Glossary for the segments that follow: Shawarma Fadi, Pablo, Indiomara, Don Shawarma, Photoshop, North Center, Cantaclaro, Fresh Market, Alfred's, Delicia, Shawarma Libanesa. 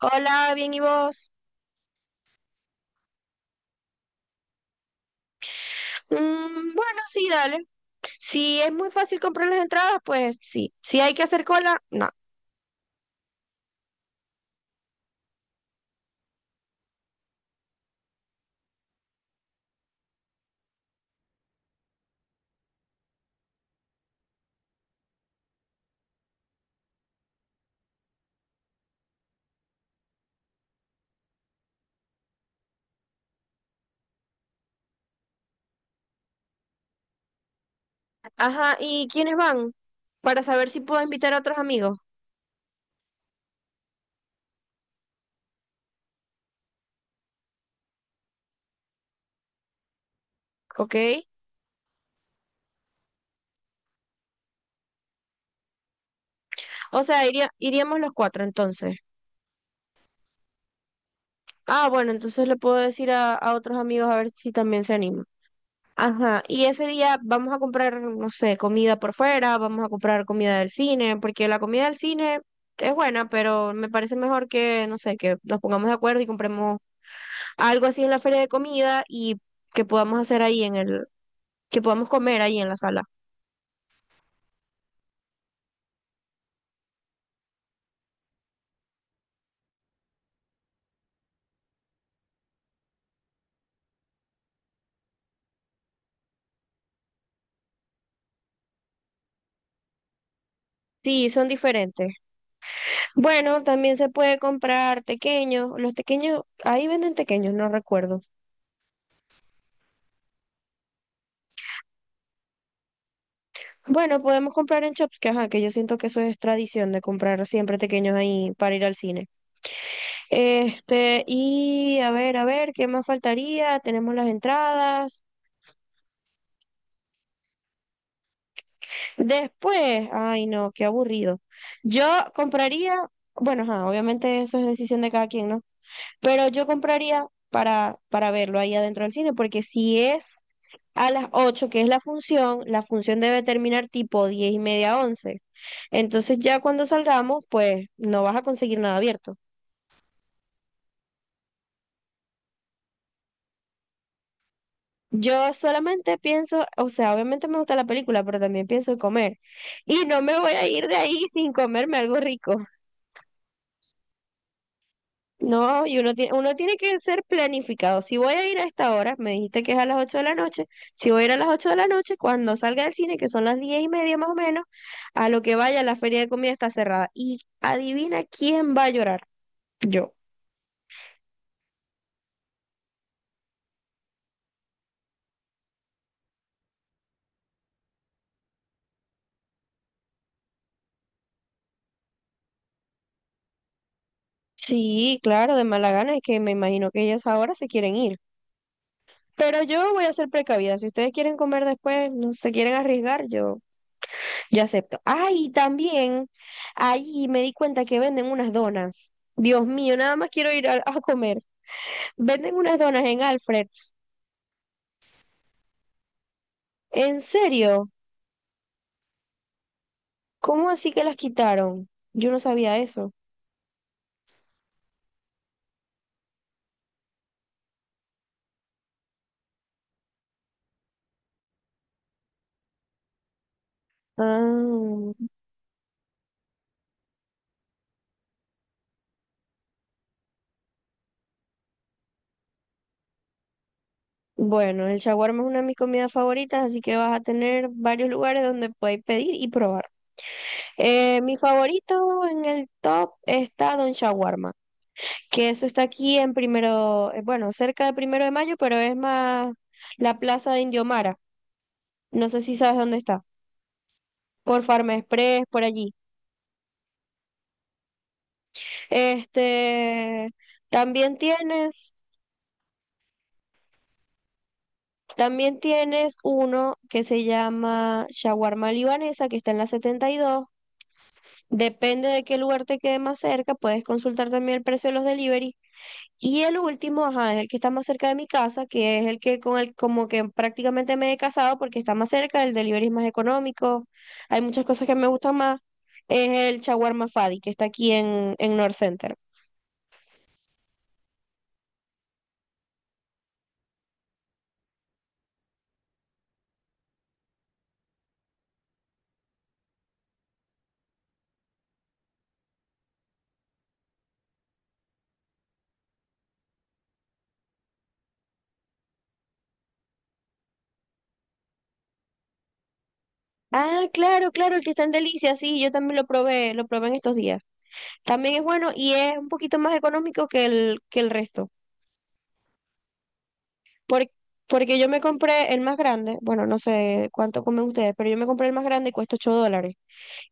Hola, bien, ¿y vos? Mm, bueno, sí, dale. Si es muy fácil comprar las entradas, pues sí. Si hay que hacer cola, no. Ajá, ¿y quiénes van? Para saber si puedo invitar a otros amigos, ¿ok? O sea, iríamos los cuatro entonces. Ah, bueno, entonces le puedo decir a otros amigos a ver si también se animan. Ajá, y ese día vamos a comprar, no sé, comida por fuera, vamos a comprar comida del cine, porque la comida del cine es buena, pero me parece mejor que, no sé, que nos pongamos de acuerdo y compremos algo así en la feria de comida y que podamos hacer ahí en el, que podamos comer ahí en la sala. Sí, son diferentes. Bueno, también se puede comprar tequeños, los tequeños, ahí venden tequeños, no recuerdo. Bueno, podemos comprar en shops, que ajá, que yo siento que eso es tradición de comprar siempre tequeños ahí para ir al cine. Este, y a ver, ¿qué más faltaría? Tenemos las entradas. Después, ay no, qué aburrido. Yo compraría, bueno, ajá, obviamente eso es decisión de cada quien, ¿no? Pero yo compraría para verlo ahí adentro del cine, porque si es a las 8 que es la función debe terminar tipo 10 y media, once. Entonces ya cuando salgamos, pues no vas a conseguir nada abierto. Yo solamente pienso, o sea, obviamente me gusta la película, pero también pienso en comer. Y no me voy a ir de ahí sin comerme algo rico. No, y uno tiene que ser planificado. Si voy a ir a esta hora, me dijiste que es a las 8 de la noche, si voy a ir a las 8 de la noche, cuando salga del cine, que son las 10 y media más o menos, a lo que vaya, la feria de comida está cerrada. Y adivina quién va a llorar. Yo. Sí, claro, de mala gana, es que me imagino que ellas ahora se quieren ir. Pero yo voy a ser precavida. Si ustedes quieren comer después, no se quieren arriesgar, yo acepto. Ay, también ahí me di cuenta que venden unas donas. Dios mío, nada más quiero ir a comer. Venden unas donas en Alfred's. ¿En serio? ¿Cómo así que las quitaron? Yo no sabía eso. Ah, bueno, el shawarma es una de mis comidas favoritas, así que vas a tener varios lugares donde podéis pedir y probar. Mi favorito en el top está Don Shawarma, que eso está aquí en primero, bueno, cerca de primero de mayo, pero es más la plaza de Indiomara. No sé si sabes dónde está. Por Farm Express, por allí. Este, también tienes, también tienes uno que se llama Shawarma Libanesa, que está en la 72. Depende de qué lugar te quede más cerca, puedes consultar también el precio de los delivery. Y el último, ajá, es el que está más cerca de mi casa, que es el que con el como que prácticamente me he casado porque está más cerca, el delivery es más económico, hay muchas cosas que me gustan más, es el Shawarma Fadi, que está aquí en North Center. Ah, claro, claro, el que está en Delicia, sí, yo también lo probé en estos días. También es bueno y es un poquito más económico que el resto. Por- porque yo me compré el más grande, bueno, no sé cuánto comen ustedes, pero yo me compré el más grande y cuesta 8 dólares.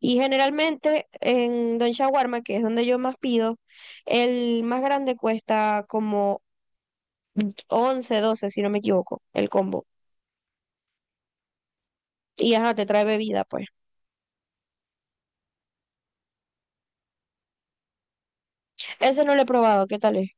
Y generalmente en Don Shawarma, que es donde yo más pido, el más grande cuesta como 11 12 si no me equivoco, el combo. Y ajá, te trae bebida, pues. Ese no lo he probado, ¿qué tal es?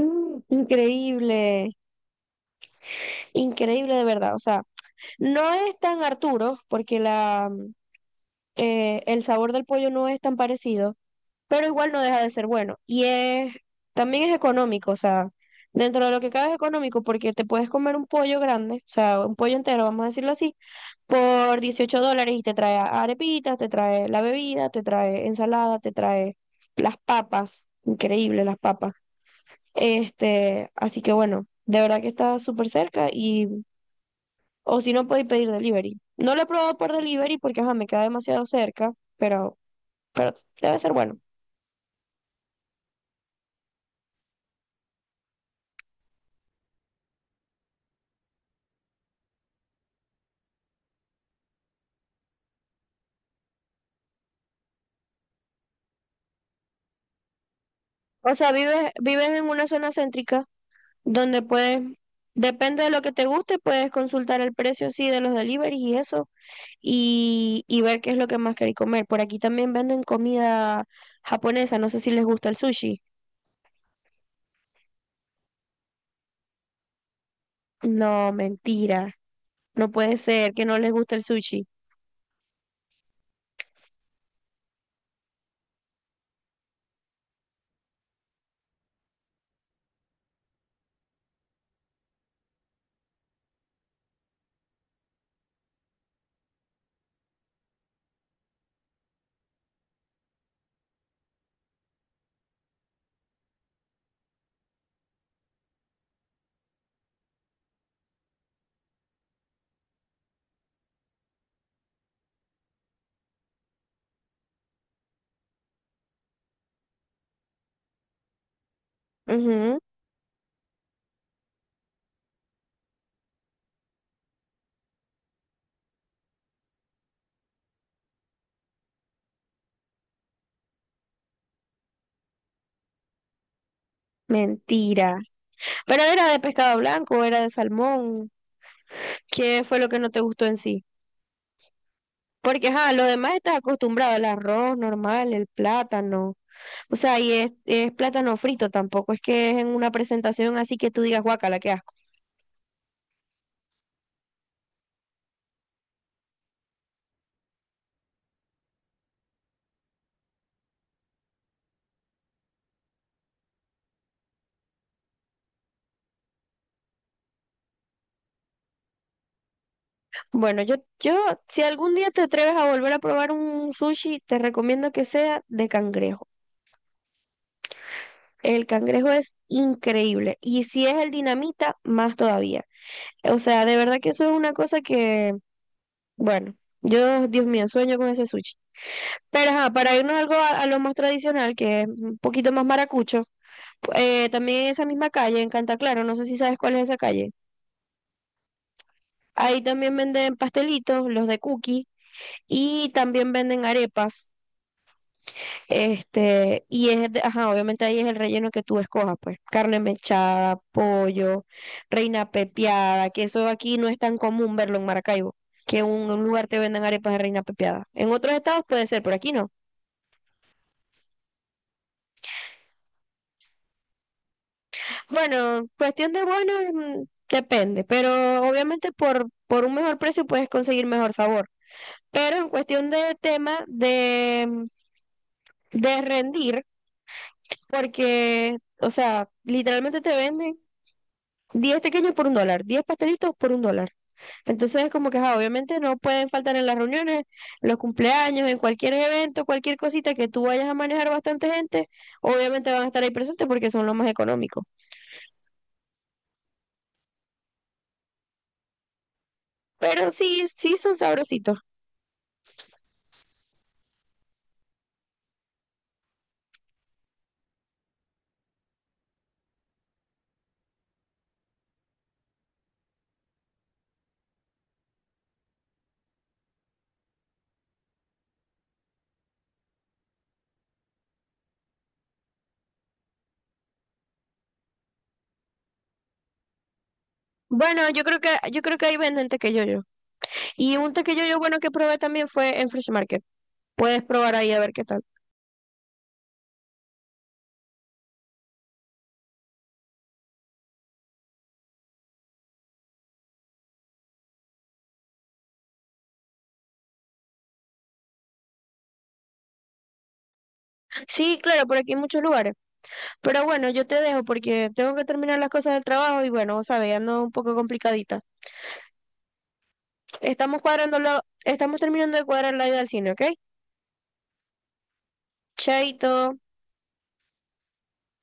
Mm, increíble, increíble de verdad. O sea, no es tan Arturo, porque la, el sabor del pollo no es tan parecido, pero igual no deja de ser bueno. Y es, también es económico, o sea, dentro de lo que cabe es económico porque te puedes comer un pollo grande, o sea, un pollo entero, vamos a decirlo así, por 18 dólares y te trae arepitas, te trae la bebida, te trae ensalada, te trae las papas, increíble las papas. Así que bueno, de verdad que está súper cerca y, o si no, podéis pedir delivery. No lo he probado por delivery porque, ajá, me queda demasiado cerca, pero pero debe ser bueno. O sea, vives, vives en una zona céntrica donde puedes, depende de lo que te guste, puedes consultar el precio sí de los deliveries y eso, y ver qué es lo que más queréis comer. Por aquí también venden comida japonesa, no sé si les gusta el sushi. No, mentira. No puede ser que no les guste el sushi. Ujú, mentira. Pero era de pescado blanco, era de salmón. ¿Qué fue lo que no te gustó en sí? Porque, ajá, lo demás estás acostumbrado, el arroz normal, el plátano. O sea, y es plátano frito tampoco, es que es en una presentación así que tú digas, guacala, qué asco. Bueno, yo, si algún día te atreves a volver a probar un sushi, te recomiendo que sea de cangrejo. El cangrejo es increíble. Y si es el dinamita, más todavía. O sea, de verdad que eso es una cosa que, bueno, yo, Dios mío, sueño con ese sushi. Pero ajá, para irnos algo a lo más tradicional, que es un poquito más maracucho, también en esa misma calle, en Cantaclaro, no sé si sabes cuál es esa calle. Ahí también venden pastelitos, los de cookie, y también venden arepas. Y es, ajá, obviamente ahí es el relleno que tú escojas, pues. Carne mechada, pollo, reina pepiada, que eso aquí no es tan común verlo en Maracaibo, que un lugar te vendan arepas de reina pepiada. En otros estados puede ser, por aquí no. Bueno, cuestión de bueno, mm, depende, pero obviamente por un mejor precio puedes conseguir mejor sabor, pero en cuestión de tema de rendir, porque, o sea, literalmente te venden 10 pequeños por un dólar, 10 pastelitos por un dólar. Entonces es como que, ajá, obviamente no pueden faltar en las reuniones, en los cumpleaños, en cualquier evento, cualquier cosita que tú vayas a manejar bastante gente, obviamente van a estar ahí presentes porque son los más económicos. Pero sí, sí son sabrositos. Bueno, yo creo que ahí venden tequeyoyo. Y un tequeyoyo bueno que probé también fue en Fresh Market. Puedes probar ahí a ver qué tal. Sí, claro, por aquí hay muchos lugares. Pero bueno, yo te dejo porque tengo que terminar las cosas del trabajo y bueno, sabes, ando un poco complicadita. Estamos estamos terminando de cuadrar la ida al cine, ¿ok? Chaito.